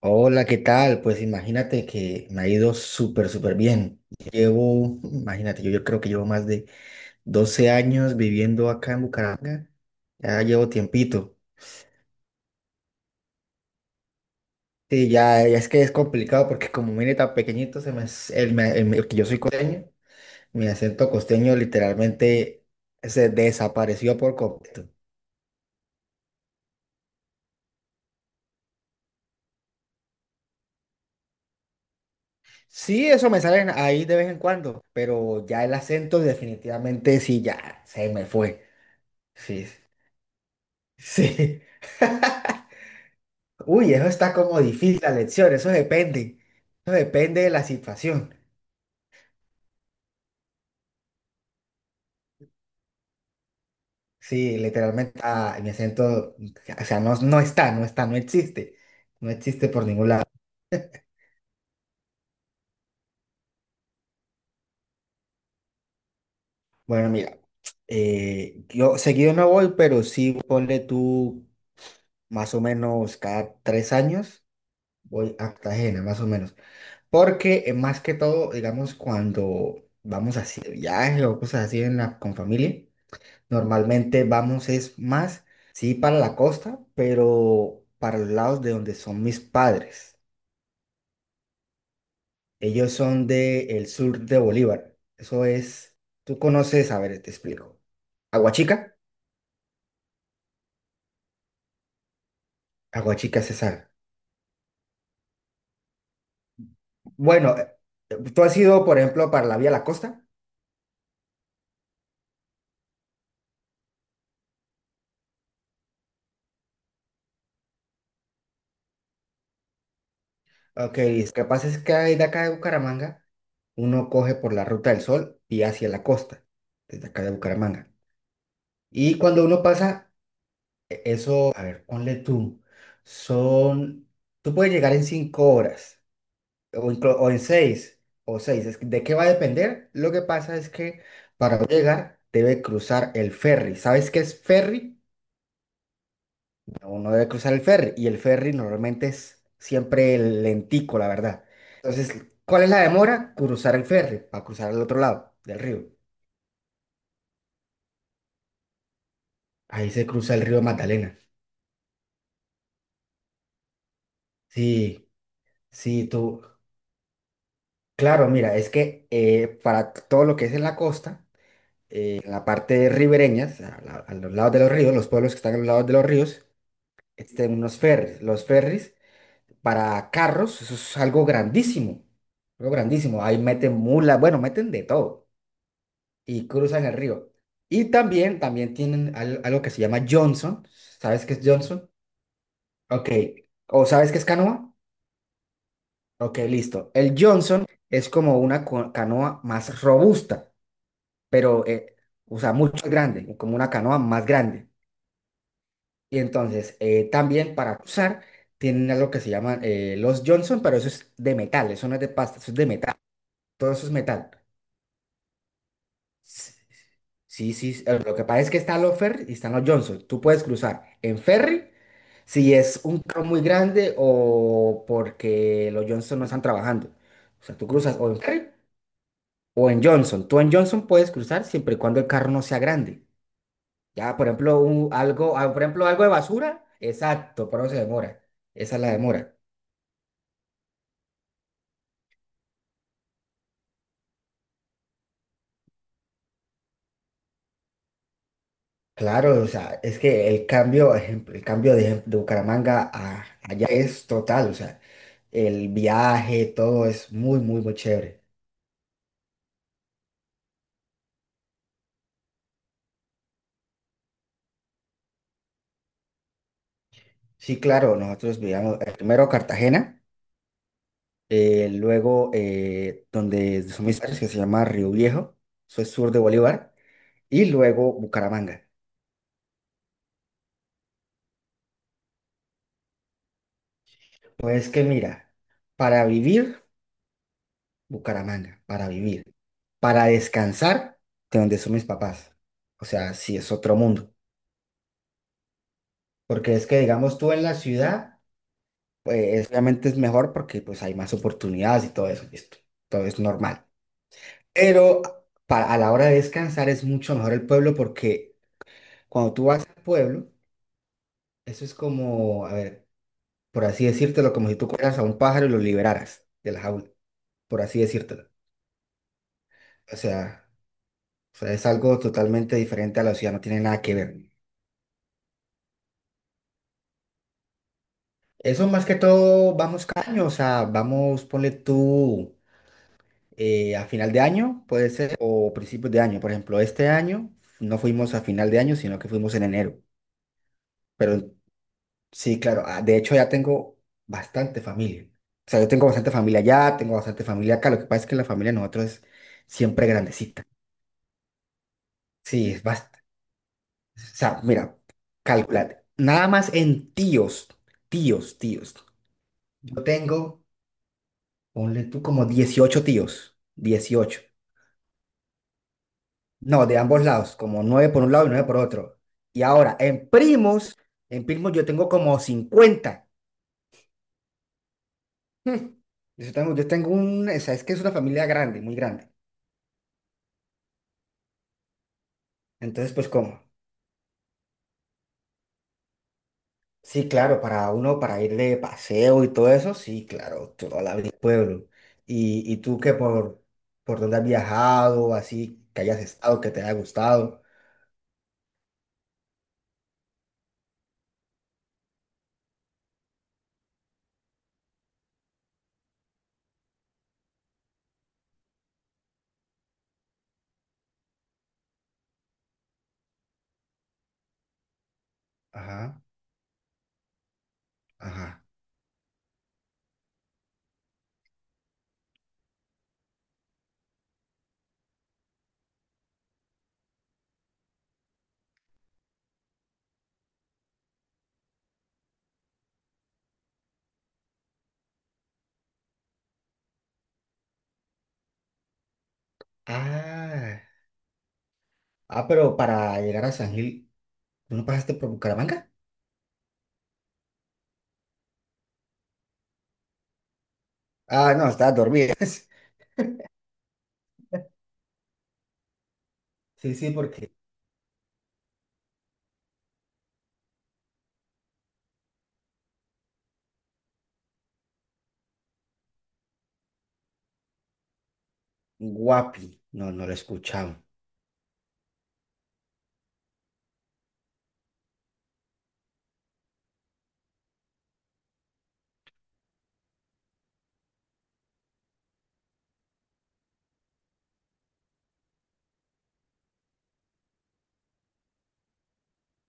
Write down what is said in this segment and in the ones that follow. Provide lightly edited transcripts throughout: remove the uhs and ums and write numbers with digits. Hola, ¿qué tal? Pues imagínate que me ha ido súper, súper bien. Llevo, imagínate, yo creo que llevo más de 12 años viviendo acá en Bucaramanga. Ya llevo tiempito. Sí, ya, ya es que es complicado porque como vine tan pequeñito, se me, s- el me- que yo soy costeño, mi acento costeño literalmente se desapareció por completo. Sí, eso me sale ahí de vez en cuando, pero ya el acento definitivamente sí, ya se me fue. Sí, sí. Uy, eso está como difícil la lección, eso depende. Eso depende de la situación. Sí, literalmente mi acento, o sea, no, no está, no existe. No existe por ningún lado. Bueno, mira, yo seguido no voy, pero sí ponle tú más o menos cada 3 años voy a Cartagena, más o menos. Porque más que todo, digamos, cuando vamos así de viaje o cosas así en con familia. Normalmente vamos es más, sí, para la costa, pero para los lados de donde son mis padres. Ellos son del sur de Bolívar. Eso es, tú conoces, a ver, te explico. Aguachica, Aguachica, Cesar. Bueno, tú has ido, por ejemplo, para la vía La Costa. Ok, lo que pasa es que de acá de Bucaramanga, uno coge por la Ruta del Sol y hacia la costa, desde acá de Bucaramanga. Y cuando uno pasa eso, a ver, ponle tú. Son, tú puedes llegar en 5 horas, o en seis, o seis. ¿De qué va a depender? Lo que pasa es que para llegar debe cruzar el ferry. ¿Sabes qué es ferry? Uno debe cruzar el ferry y el ferry normalmente es siempre lentico, la verdad. Entonces, ¿cuál es la demora? Cruzar el ferry, para cruzar al otro lado del río. Ahí se cruza el río Magdalena. Sí, sí, tú. Claro, mira, es que para todo lo que es en la costa, en la parte ribereña, a los lados de los ríos, los pueblos que están a los lados de los ríos, existen unos ferries. Los ferries para carros, eso es algo grandísimo, algo grandísimo. Ahí meten mulas, bueno, meten de todo y cruzan el río. Y también tienen algo que se llama Johnson. ¿Sabes qué es Johnson? Ok. ¿O sabes qué es canoa? Ok, listo. El Johnson es como una canoa más robusta. Pero, o sea, mucho más grande, como una canoa más grande. Y entonces, también para usar, tienen algo que se llaman los Johnson, pero eso es de metal, eso no es de pasta, eso es de metal, todo eso es metal. S- Sí, sí, lo que pasa es que están los ferry y están los Johnson. Tú puedes cruzar en ferry si es un carro muy grande o porque los Johnson no están trabajando. O sea, tú cruzas o en ferry o en Johnson. Tú en Johnson puedes cruzar siempre y cuando el carro no sea grande. Ya, por ejemplo, algo, por ejemplo, algo de basura, exacto, por eso se demora. Esa es la demora. Claro, o sea, es que el cambio, ejemplo, el cambio de Bucaramanga a allá es total, o sea, el viaje, todo es muy, muy, muy chévere. Sí, claro, nosotros vivíamos primero Cartagena, luego donde son mis padres, que se llama Río Viejo, eso es sur de Bolívar, y luego Bucaramanga. Pues que mira, para vivir, Bucaramanga, para vivir. Para descansar, de donde son mis papás. O sea, sí, es otro mundo. Porque es que, digamos, tú en la ciudad, pues obviamente es mejor porque pues hay más oportunidades y todo eso, listo. Todo es normal. Pero para, a la hora de descansar es mucho mejor el pueblo porque cuando tú vas al pueblo, eso es como, a ver, por así decírtelo, como si tú cogieras a un pájaro y lo liberaras de la jaula, por así decírtelo. O sea, o sea, es algo totalmente diferente a la ciudad, no tiene nada que ver. Eso más que todo vamos cada año, o sea, vamos, ponle tú a final de año, puede ser, o principios de año. Por ejemplo, este año no fuimos a final de año, sino que fuimos en enero. Pero sí, claro, de hecho ya tengo bastante familia. O sea, yo tengo bastante familia allá, tengo bastante familia acá. Lo que pasa es que la familia de nosotros es siempre grandecita. Sí, es bastante. O sea, mira, calculate. Nada más en tíos, tíos, tíos. Yo tengo. Ponle tú como 18 tíos. 18. No, de ambos lados, como nueve por un lado y 9 por otro. Y ahora, en primos yo tengo como 50. Yo tengo, o sea, es que es una familia grande, muy grande. Entonces, pues, ¿cómo? Sí, claro, para uno, para ir de paseo y todo eso, sí, claro, toda la vida pueblo. Y tú que por dónde has viajado, así, que hayas estado, que te haya gustado. Ajá, ajá. Ah, ah, pero para llegar a San Gil, ¿tú no pasaste por Bucaramanga? Ah, no, estabas dormida. Sí, sí, porque Guapi, no, no lo he escuchado.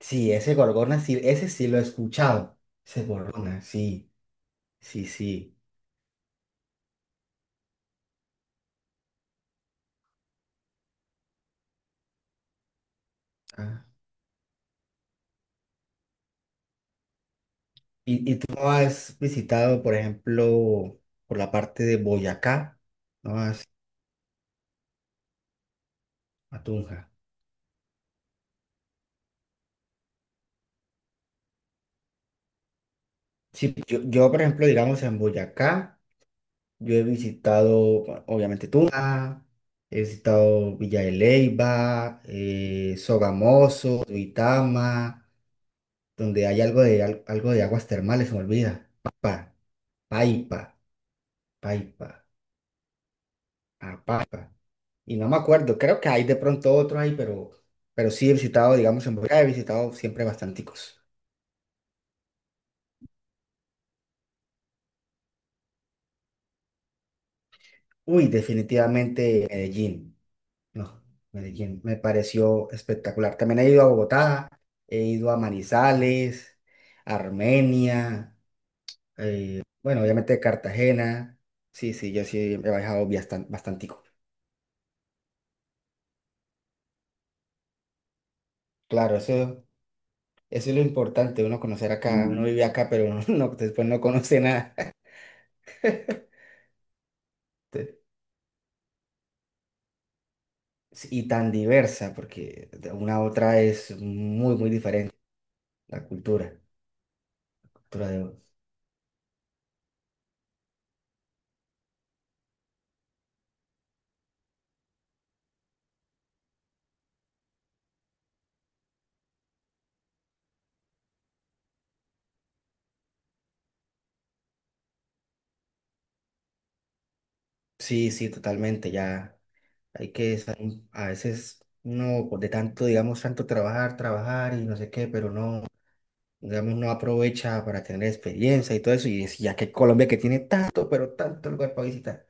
Sí, ese Gorgona, sí, ese sí lo he escuchado. Ese Gorgona, sí, sí, sí. Ah. ¿Y tú no has visitado, por ejemplo, por la parte de Boyacá? No has a Tunja. Sí, yo, por ejemplo, digamos, en Boyacá, yo he visitado, bueno, obviamente, Tunja. He visitado Villa de Leyva, Sogamoso, Duitama, donde hay algo de, algo de aguas termales, se me olvida. Paipa, Paipa, Paipa, Paipa. Y no me acuerdo, creo que hay de pronto otro ahí, pero sí he visitado, digamos, en Bogotá he visitado siempre bastanticos. Uy, definitivamente Medellín, no, Medellín me pareció espectacular. También he ido a Bogotá, he ido a Manizales, Armenia. Bueno, obviamente Cartagena. Sí, sí, yo sí he viajado bastantico. Claro, eso es lo importante, uno conocer acá. Uno vive acá, pero uno después no conoce nada. Te- Y tan diversa, porque de una a otra es muy, muy diferente la cultura. cultura de- Sí, sí, totalmente. Ya hay que, a veces, no, de tanto, digamos, tanto trabajar, trabajar y no sé qué, pero no. Digamos, no aprovecha para tener experiencia y todo eso, y ya que Colombia que tiene tanto, pero tanto lugar para visitar.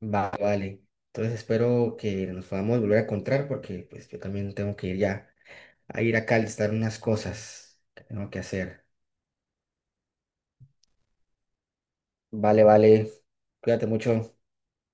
Vale, vale. Entonces espero que nos podamos volver a encontrar porque pues yo también tengo que ir ya a ir acá a listar unas cosas que tengo que hacer. Vale, vale. Cuídate mucho.